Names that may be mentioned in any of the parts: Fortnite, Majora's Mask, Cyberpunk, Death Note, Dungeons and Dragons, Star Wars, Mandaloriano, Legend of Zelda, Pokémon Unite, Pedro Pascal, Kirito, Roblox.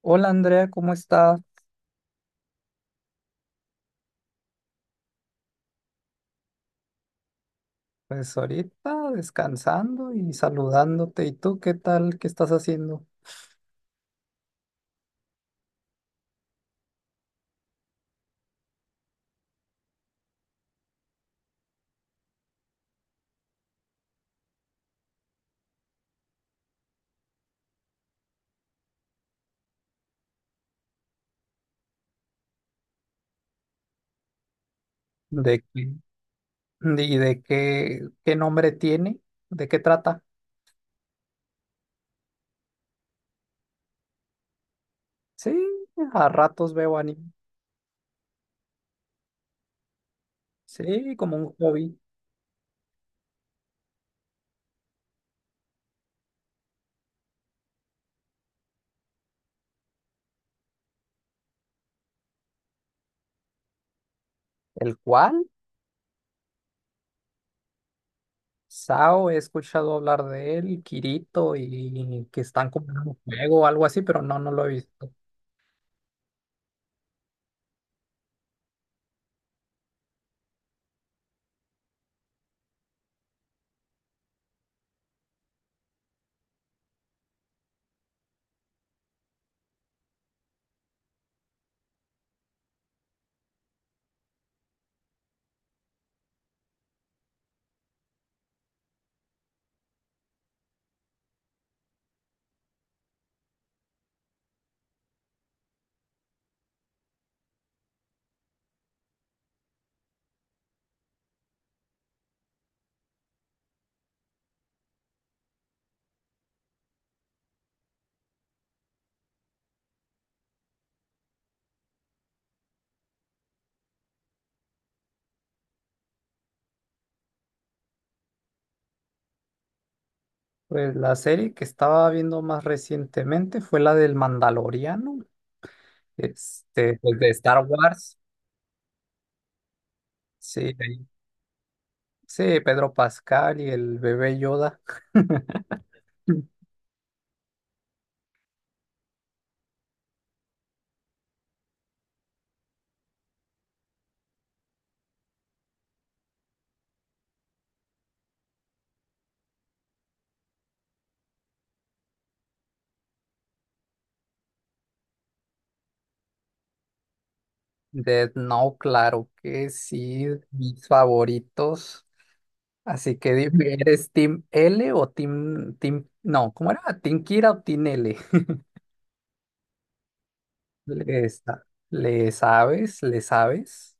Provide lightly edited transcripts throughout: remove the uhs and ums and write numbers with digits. Hola Andrea, ¿cómo estás? Pues ahorita descansando y saludándote. ¿Y tú qué tal? ¿Qué estás haciendo? ¿De qué? ¿Y de qué, qué nombre tiene? ¿De qué trata? Sí, a ratos veo anime. Sí, como un hobby. ¿El cual? Sao, he escuchado hablar de él, Kirito, y que están como en un juego o algo así, pero no, no lo he visto. Pues la serie que estaba viendo más recientemente fue la del Mandaloriano, pues de Star Wars. Sí, ahí- sí, Pedro Pascal y el bebé Yoda. Death Note, claro que sí, mis favoritos. Así que dime, ¿eres Team L o no, ¿cómo era? ¿Team Kira o Team L? ¿Le, le sabes? ¿Le sabes?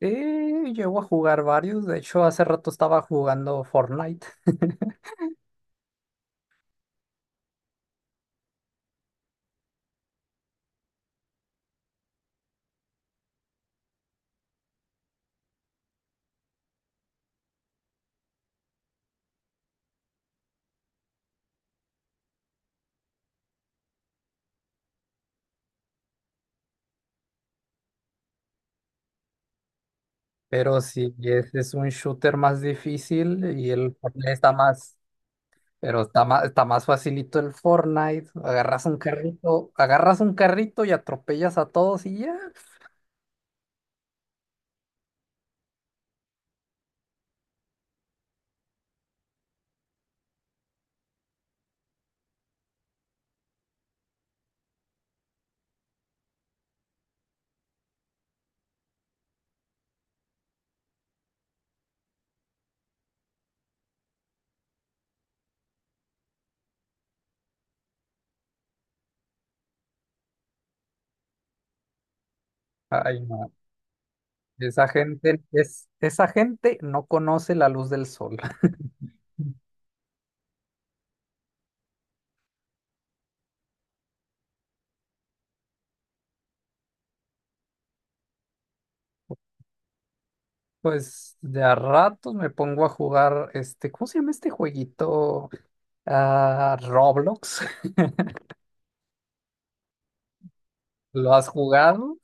Llego a jugar varios, de hecho hace rato estaba jugando Fortnite. Pero sí, es un shooter más difícil y el Fortnite está más. Pero está más facilito el Fortnite. Agarras un carrito y atropellas a todos y ya. Ay, no. Es, esa gente no conoce la luz del sol. Pues de a ratos me pongo a jugar este, ¿cómo se llama este jueguito? Ah, Roblox. ¿Lo has jugado?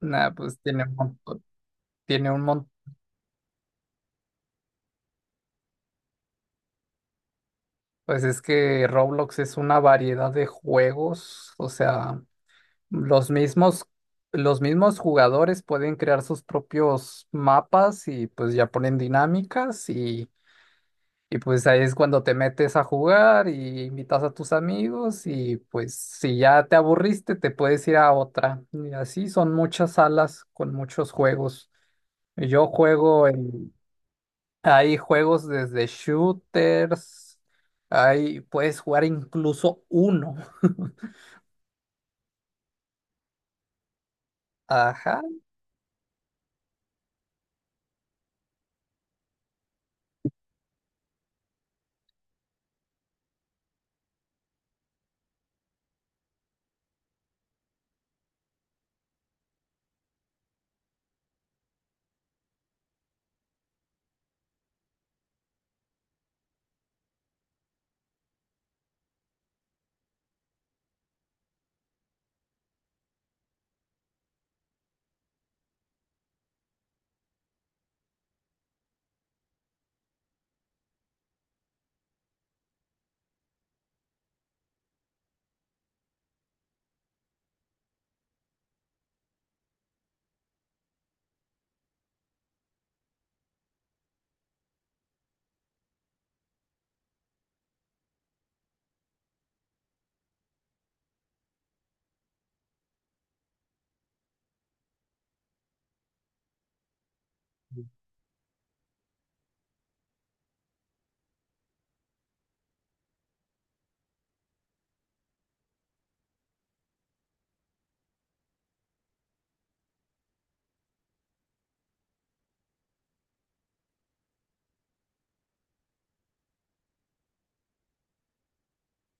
Nah, tiene un montón. Pues es que Roblox es una variedad de juegos, o sea, Los mismos, los mismos jugadores pueden crear sus propios mapas y pues ya ponen dinámicas, y pues ahí es cuando te metes a jugar y invitas a tus amigos y pues si ya te aburriste te puedes ir a otra. Y así son muchas salas con muchos juegos. Yo juego en, Hay juegos desde shooters, hay, puedes jugar incluso uno. Ajá.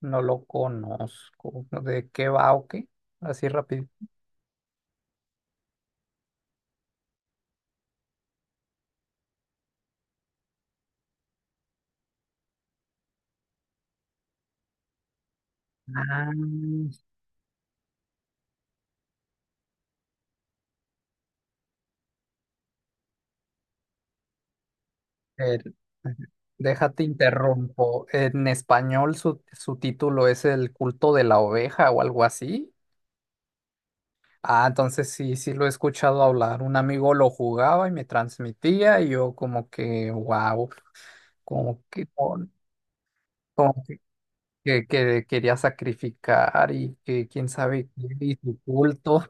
No lo conozco, ¿no? ¿De qué va o qué? Así rápido. Ah, el- déjate interrumpo. En español su título es El culto de la oveja o algo así. Ah, entonces sí, sí lo he escuchado hablar. Un amigo lo jugaba y me transmitía y yo como que, wow, como que, con- como que que quería sacrificar y que quién sabe qué y su culto.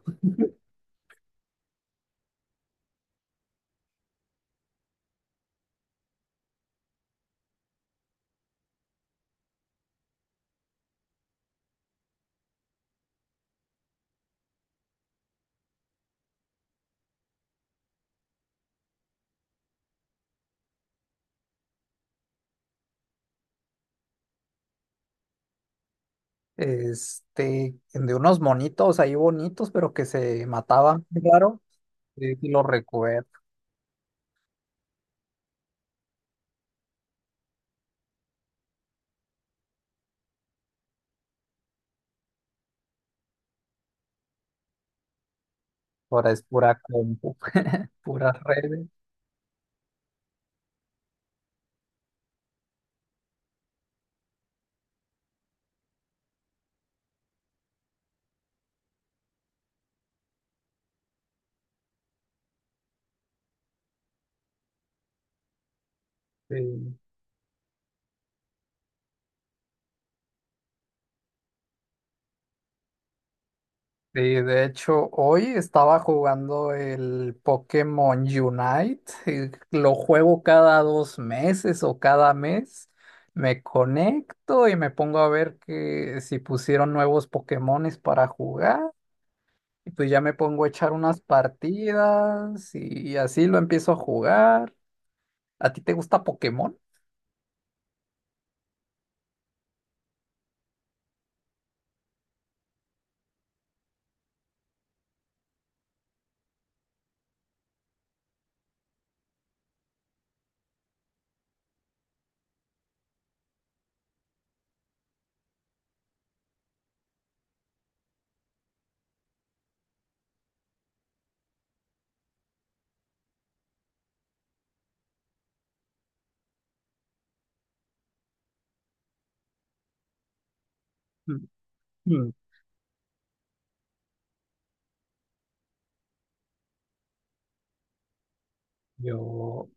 Este, de unos monitos ahí bonitos, pero que se mataban, claro, sí, sí lo recuerdo. Ahora es pura compu, puras redes, sí. Sí, de hecho, hoy estaba jugando el Pokémon Unite. Lo juego cada dos meses o cada mes, me conecto y me pongo a ver que si pusieron nuevos Pokémones para jugar. Y pues ya me pongo a echar unas partidas y así lo empiezo a jugar. ¿A ti te gusta Pokémon? Mm, mm. Yo,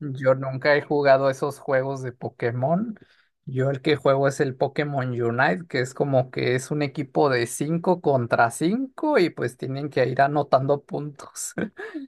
Yo nunca he jugado esos juegos de Pokémon. Yo el que juego es el Pokémon Unite, que es como que es un equipo de 5 contra 5 y pues tienen que ir anotando puntos.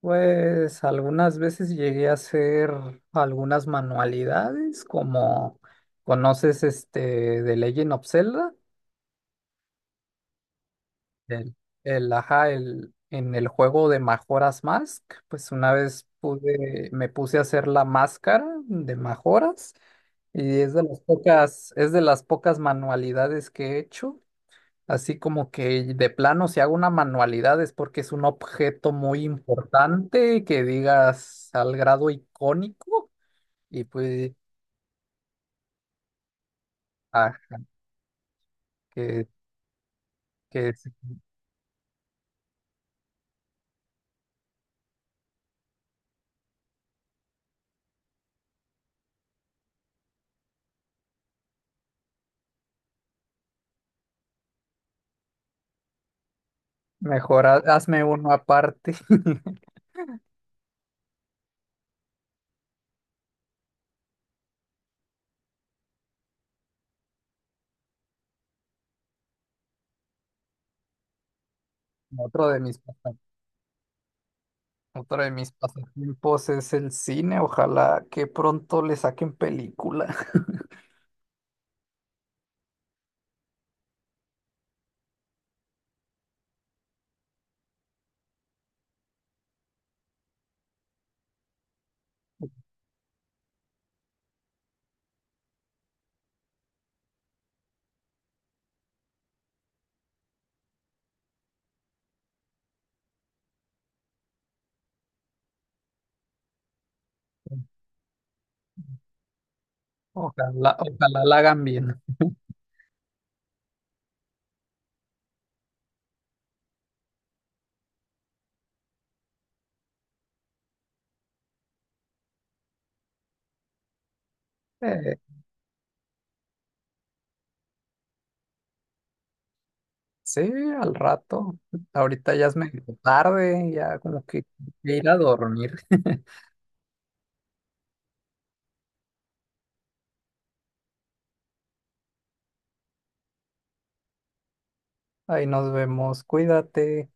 Pues algunas veces llegué a hacer algunas manualidades, como conoces este de Legend of Zelda. El, ajá, el, en el juego de Majora's Mask, pues una vez pude, me puse a hacer la máscara de Majoras y es de las pocas manualidades que he hecho. Así como que de plano, si hago una manualidad es porque es un objeto muy importante que digas al grado icónico y pues, ah, que, que es- mejor hazme uno aparte. otro de mis... Otro de mis pasatiempos es el cine. Ojalá que pronto le saquen película. Ojalá, ojalá la hagan bien. Eh, sí, al rato. Ahorita ya es medio tarde, ya como que voy a ir a dormir. Ahí nos vemos. Cuídate.